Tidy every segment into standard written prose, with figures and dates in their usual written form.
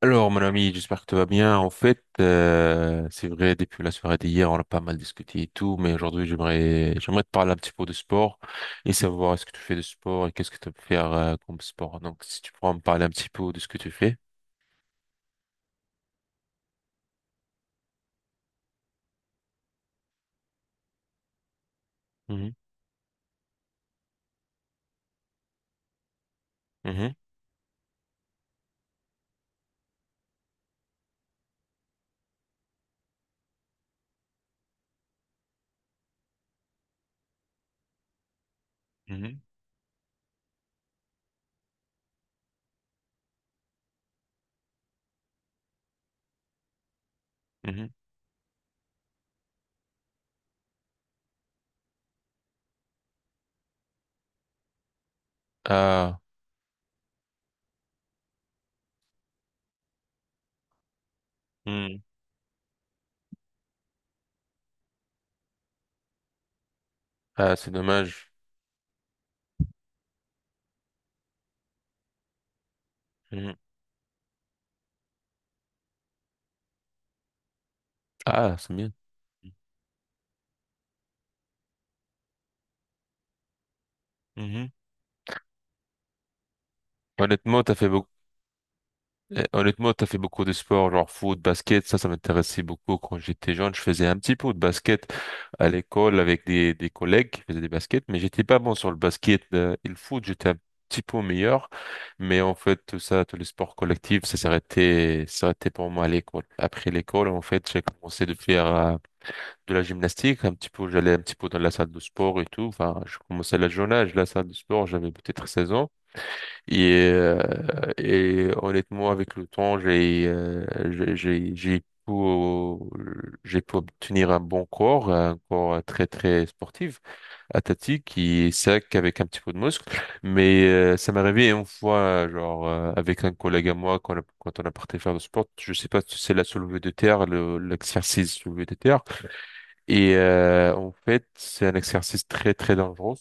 Alors, mon ami, j'espère que tu vas bien. En fait, c'est vrai, depuis la soirée d'hier, on a pas mal discuté et tout, mais aujourd'hui, j'aimerais te parler un petit peu de sport et savoir est-ce que tu fais de sport et qu'est-ce que tu peux faire comme sport. Donc, si tu pourras me parler un petit peu de ce que tu fais. Mhm, mhm, mhm, mhm. Ah. Hmm. Ah, c'est dommage. Mhm. Ah, c'est bien. Mhm. Honnêtement, t'as fait beaucoup. Eh, honnêtement, t'as fait beaucoup de sports, genre foot, basket, ça m'intéressait beaucoup quand j'étais jeune. Je faisais un petit peu de basket à l'école avec des collègues qui faisaient des baskets, mais j'étais pas bon sur le basket et le foot, j'étais un petit peu meilleur. Mais en fait, tout ça, tous les sports collectifs, ça s'arrêtait pour moi à l'école. Après l'école, en fait, j'ai commencé de faire de la gymnastique, un petit peu, j'allais un petit peu dans la salle de sport et tout. Enfin, je commençais à la jeune âge, la salle de sport, j'avais peut-être 16 ans. Et, euh, et honnêtement, avec le temps, j'ai j'ai j'ai pu j'ai pu obtenir un bon corps, un corps très très sportif, athlétique, et sec avec un petit peu de muscle. Mais ça m'est arrivé une fois, genre avec un collègue à moi, quand, quand on a parti faire du sport, je sais pas si c'est la soulevée de terre, l'exercice soulevé de terre. Et en fait, c'est un exercice très très dangereux.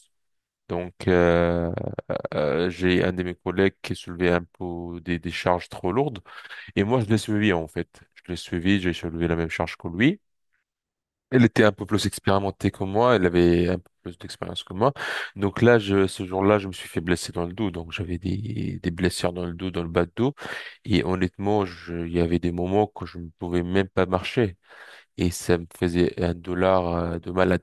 Donc, j'ai un de mes collègues qui soulevait un peu des charges trop lourdes. Et moi, je l'ai suivi, en fait. Je l'ai suivi, j'ai soulevé la même charge que lui. Elle était un peu plus expérimentée que moi, elle avait un peu plus d'expérience que moi. Donc là, ce jour-là, je me suis fait blesser dans le dos. Donc j'avais des blessures dans le dos, dans le bas de dos. Et honnêtement, il y avait des moments que je ne pouvais même pas marcher. Et ça me faisait un dollar de malade.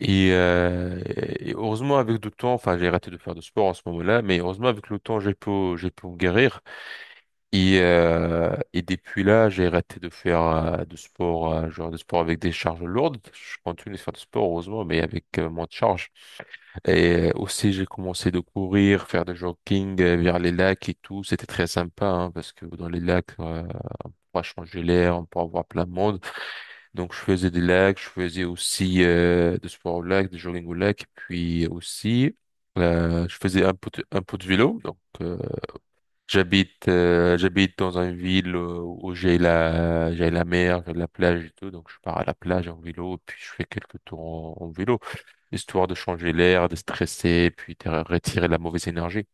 Et, euh, et heureusement avec le temps, enfin j'ai arrêté de faire de sport en ce moment-là, mais heureusement avec le temps j'ai pu me guérir. Et depuis là j'ai arrêté de faire de sport, genre de sport avec des charges lourdes. Je continue de faire du sport heureusement, mais avec moins de charges. Et aussi j'ai commencé de courir, faire du jogging vers les lacs et tout. C'était très sympa hein, parce que dans les lacs, on pourra changer l'air, on pourra voir plein de monde. Donc, je faisais des lacs, je faisais aussi du sport au lac, du jogging au lac, puis aussi, je faisais un peu de vélo. Donc, j'habite dans une ville où j'ai la mer, j'ai la plage et tout. Donc, je pars à la plage en vélo, puis je fais quelques tours en, en vélo, histoire de changer l'air, de stresser, puis de retirer la mauvaise énergie.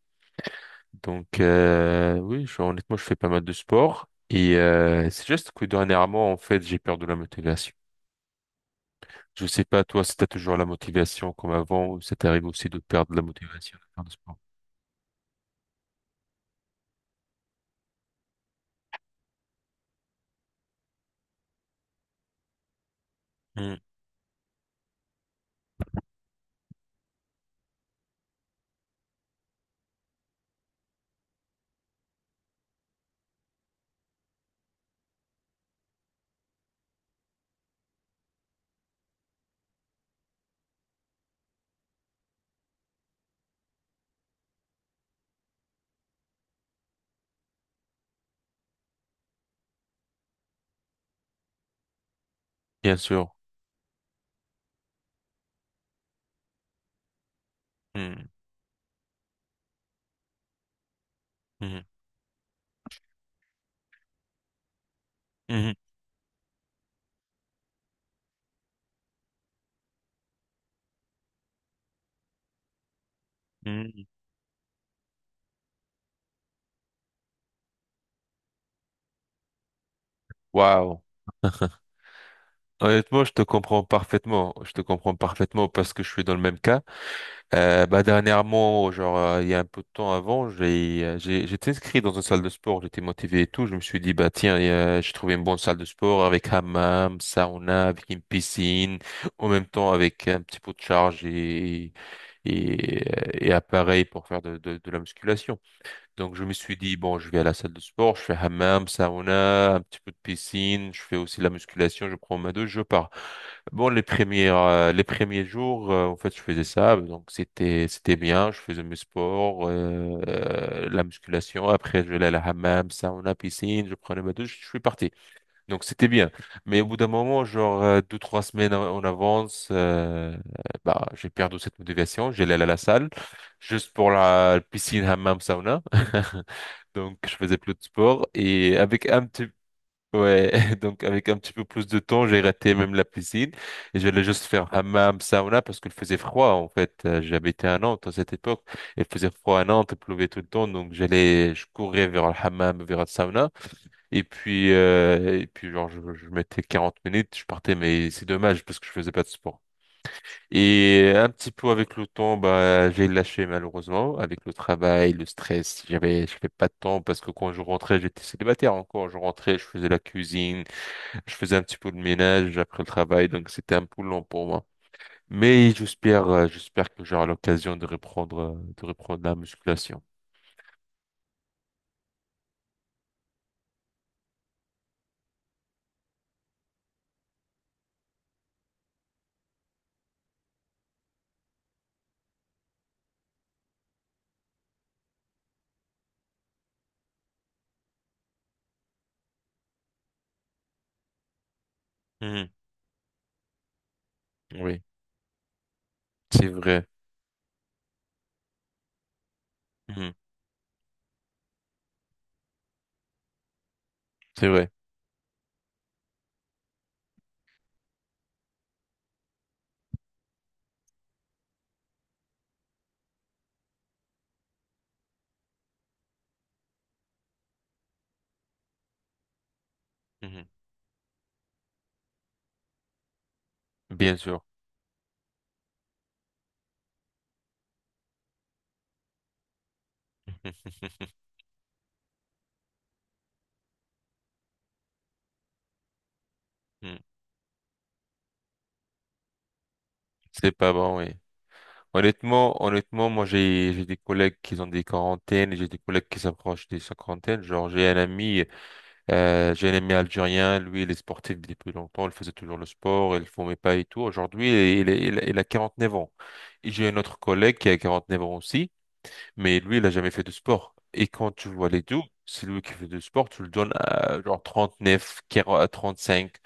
Donc, oui, honnêtement, je fais pas mal de sport. Et c'est juste que dernièrement, en fait, j'ai perdu la motivation. Je sais pas, toi, si t'as toujours la motivation comme avant, ou ça t'arrive aussi de perdre la motivation à faire du sport. Hmm, bien sûr. Hmm, hmm, hmm, hmm. Waouh. Honnêtement, je te comprends parfaitement. Je te comprends parfaitement parce que je suis dans le même cas. Bah dernièrement, genre il y a un peu de temps avant, j'étais inscrit dans une salle de sport, j'étais motivé et tout. Je me suis dit bah tiens, j'ai trouvé une bonne salle de sport avec hammam, sauna, avec une piscine, en même temps avec un petit peu de charge et et appareil pour faire de la musculation. Donc, je me suis dit, bon, je vais à la salle de sport, je fais hammam, sauna, un petit peu de piscine, je fais aussi la musculation, je prends ma douche, je pars. Bon, les premiers jours, en fait, je faisais ça, c'était bien, je faisais mes sports, la musculation, après, je vais à la hammam, sauna, piscine, je prenais ma douche, je suis parti. Donc c'était bien. Mais au bout d'un moment, genre deux, trois semaines en en avance, bah, j'ai perdu cette motivation. J'allais à la salle juste pour la piscine, hammam, sauna. Donc je faisais plus de sport et avec un petit ouais, donc avec un petit peu plus de temps, j'ai raté même la piscine et j'allais juste faire hammam, sauna parce qu'il faisait froid en fait. J'habitais à Nantes à cette époque, il faisait froid à Nantes, il pleuvait tout le temps, donc j'allais je courais vers le hammam, vers le sauna. Et puis genre, je mettais 40 minutes, je partais, mais c'est dommage parce que je faisais pas de sport. Et un petit peu avec le temps, bah, j'ai lâché malheureusement, avec le travail, le stress, j'avais pas de temps parce que quand je rentrais, j'étais célibataire encore. Je rentrais, je faisais la cuisine, je faisais un petit peu de ménage après le travail, donc c'était un peu long pour moi. Mais j'espère que j'aurai l'occasion de de reprendre la musculation. Mhm. Oui, c'est vrai. Mhm. C'est vrai. Mhm. Bien sûr. Hmm. C'est pas bon, oui. Honnêtement, honnêtement, moi j'ai des collègues qui ont des quarantaines, et j'ai des collègues qui s'approchent des cinquantaines. Genre j'ai un ami algérien, lui il est sportif depuis longtemps, il faisait toujours le sport, il fumait pas et tout. Aujourd'hui il a 49 ans. Et j'ai un autre collègue qui a 49 ans aussi, mais lui il a jamais fait de sport. Et quand tu vois les deux, c'est lui qui fait du sport, tu le donnes à genre trente-neuf, quarante trente cinq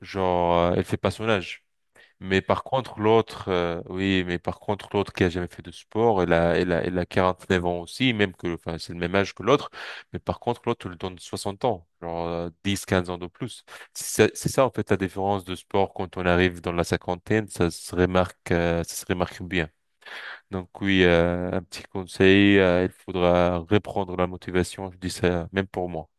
genre il fait pas son âge. Mais par contre, l'autre, oui, mais par contre, l'autre qui a jamais fait de sport, elle a 49 ans aussi, même que, enfin, c'est le même âge que l'autre. Mais par contre, l'autre, tu le donne 60 ans, genre 10, 15 ans de plus. C'est ça, en fait, la différence de sport quand on arrive dans la cinquantaine, ça se remarque bien. Donc oui, un petit conseil, il faudra reprendre la motivation, je dis ça même pour moi.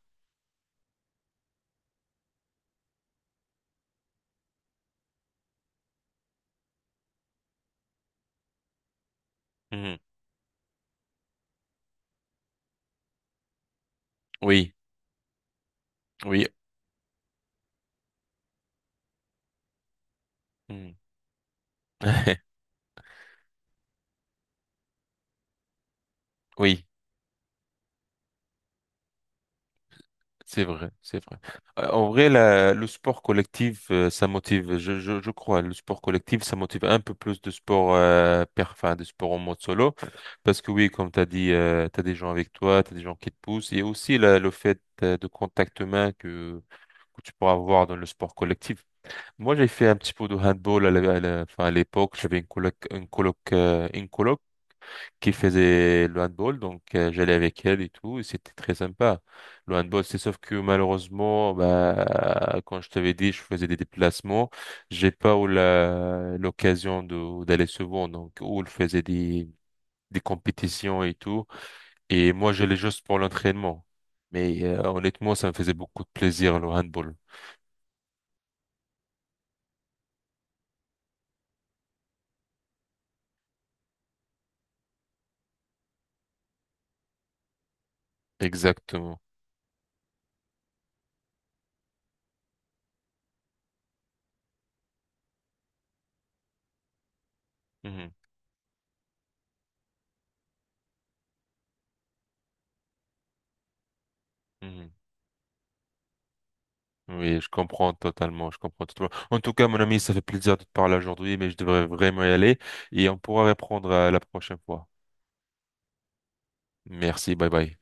Mhm. Oui, oui. Mhm. Oui. C'est vrai, c'est vrai. En vrai, le sport collectif, ça motive, je crois, le sport collectif, ça motive un peu plus de sport, enfin, de sport en mode solo. Parce que oui, comme tu as dit, tu as des gens avec toi, tu as des gens qui te poussent. Et aussi le fait de contact humain que tu pourras avoir dans le sport collectif. Moi, j'ai fait un petit peu de handball enfin, à l'époque. J'avais une coloc qui faisait le handball, donc j'allais avec elle et tout, et c'était très sympa. Le handball, c'est sauf que malheureusement, bah, quand je t'avais dit, je faisais des déplacements, j'ai pas eu l'occasion de d'aller souvent, donc où elle faisait des compétitions et tout, et moi j'allais juste pour l'entraînement. Mais honnêtement, ça me faisait beaucoup de plaisir le handball. Exactement. Mhm, mhm. Oui, je comprends totalement, je comprends totalement. En tout cas, mon ami, ça fait plaisir de te parler aujourd'hui, mais je devrais vraiment y aller et on pourra reprendre la prochaine fois. Merci, bye bye.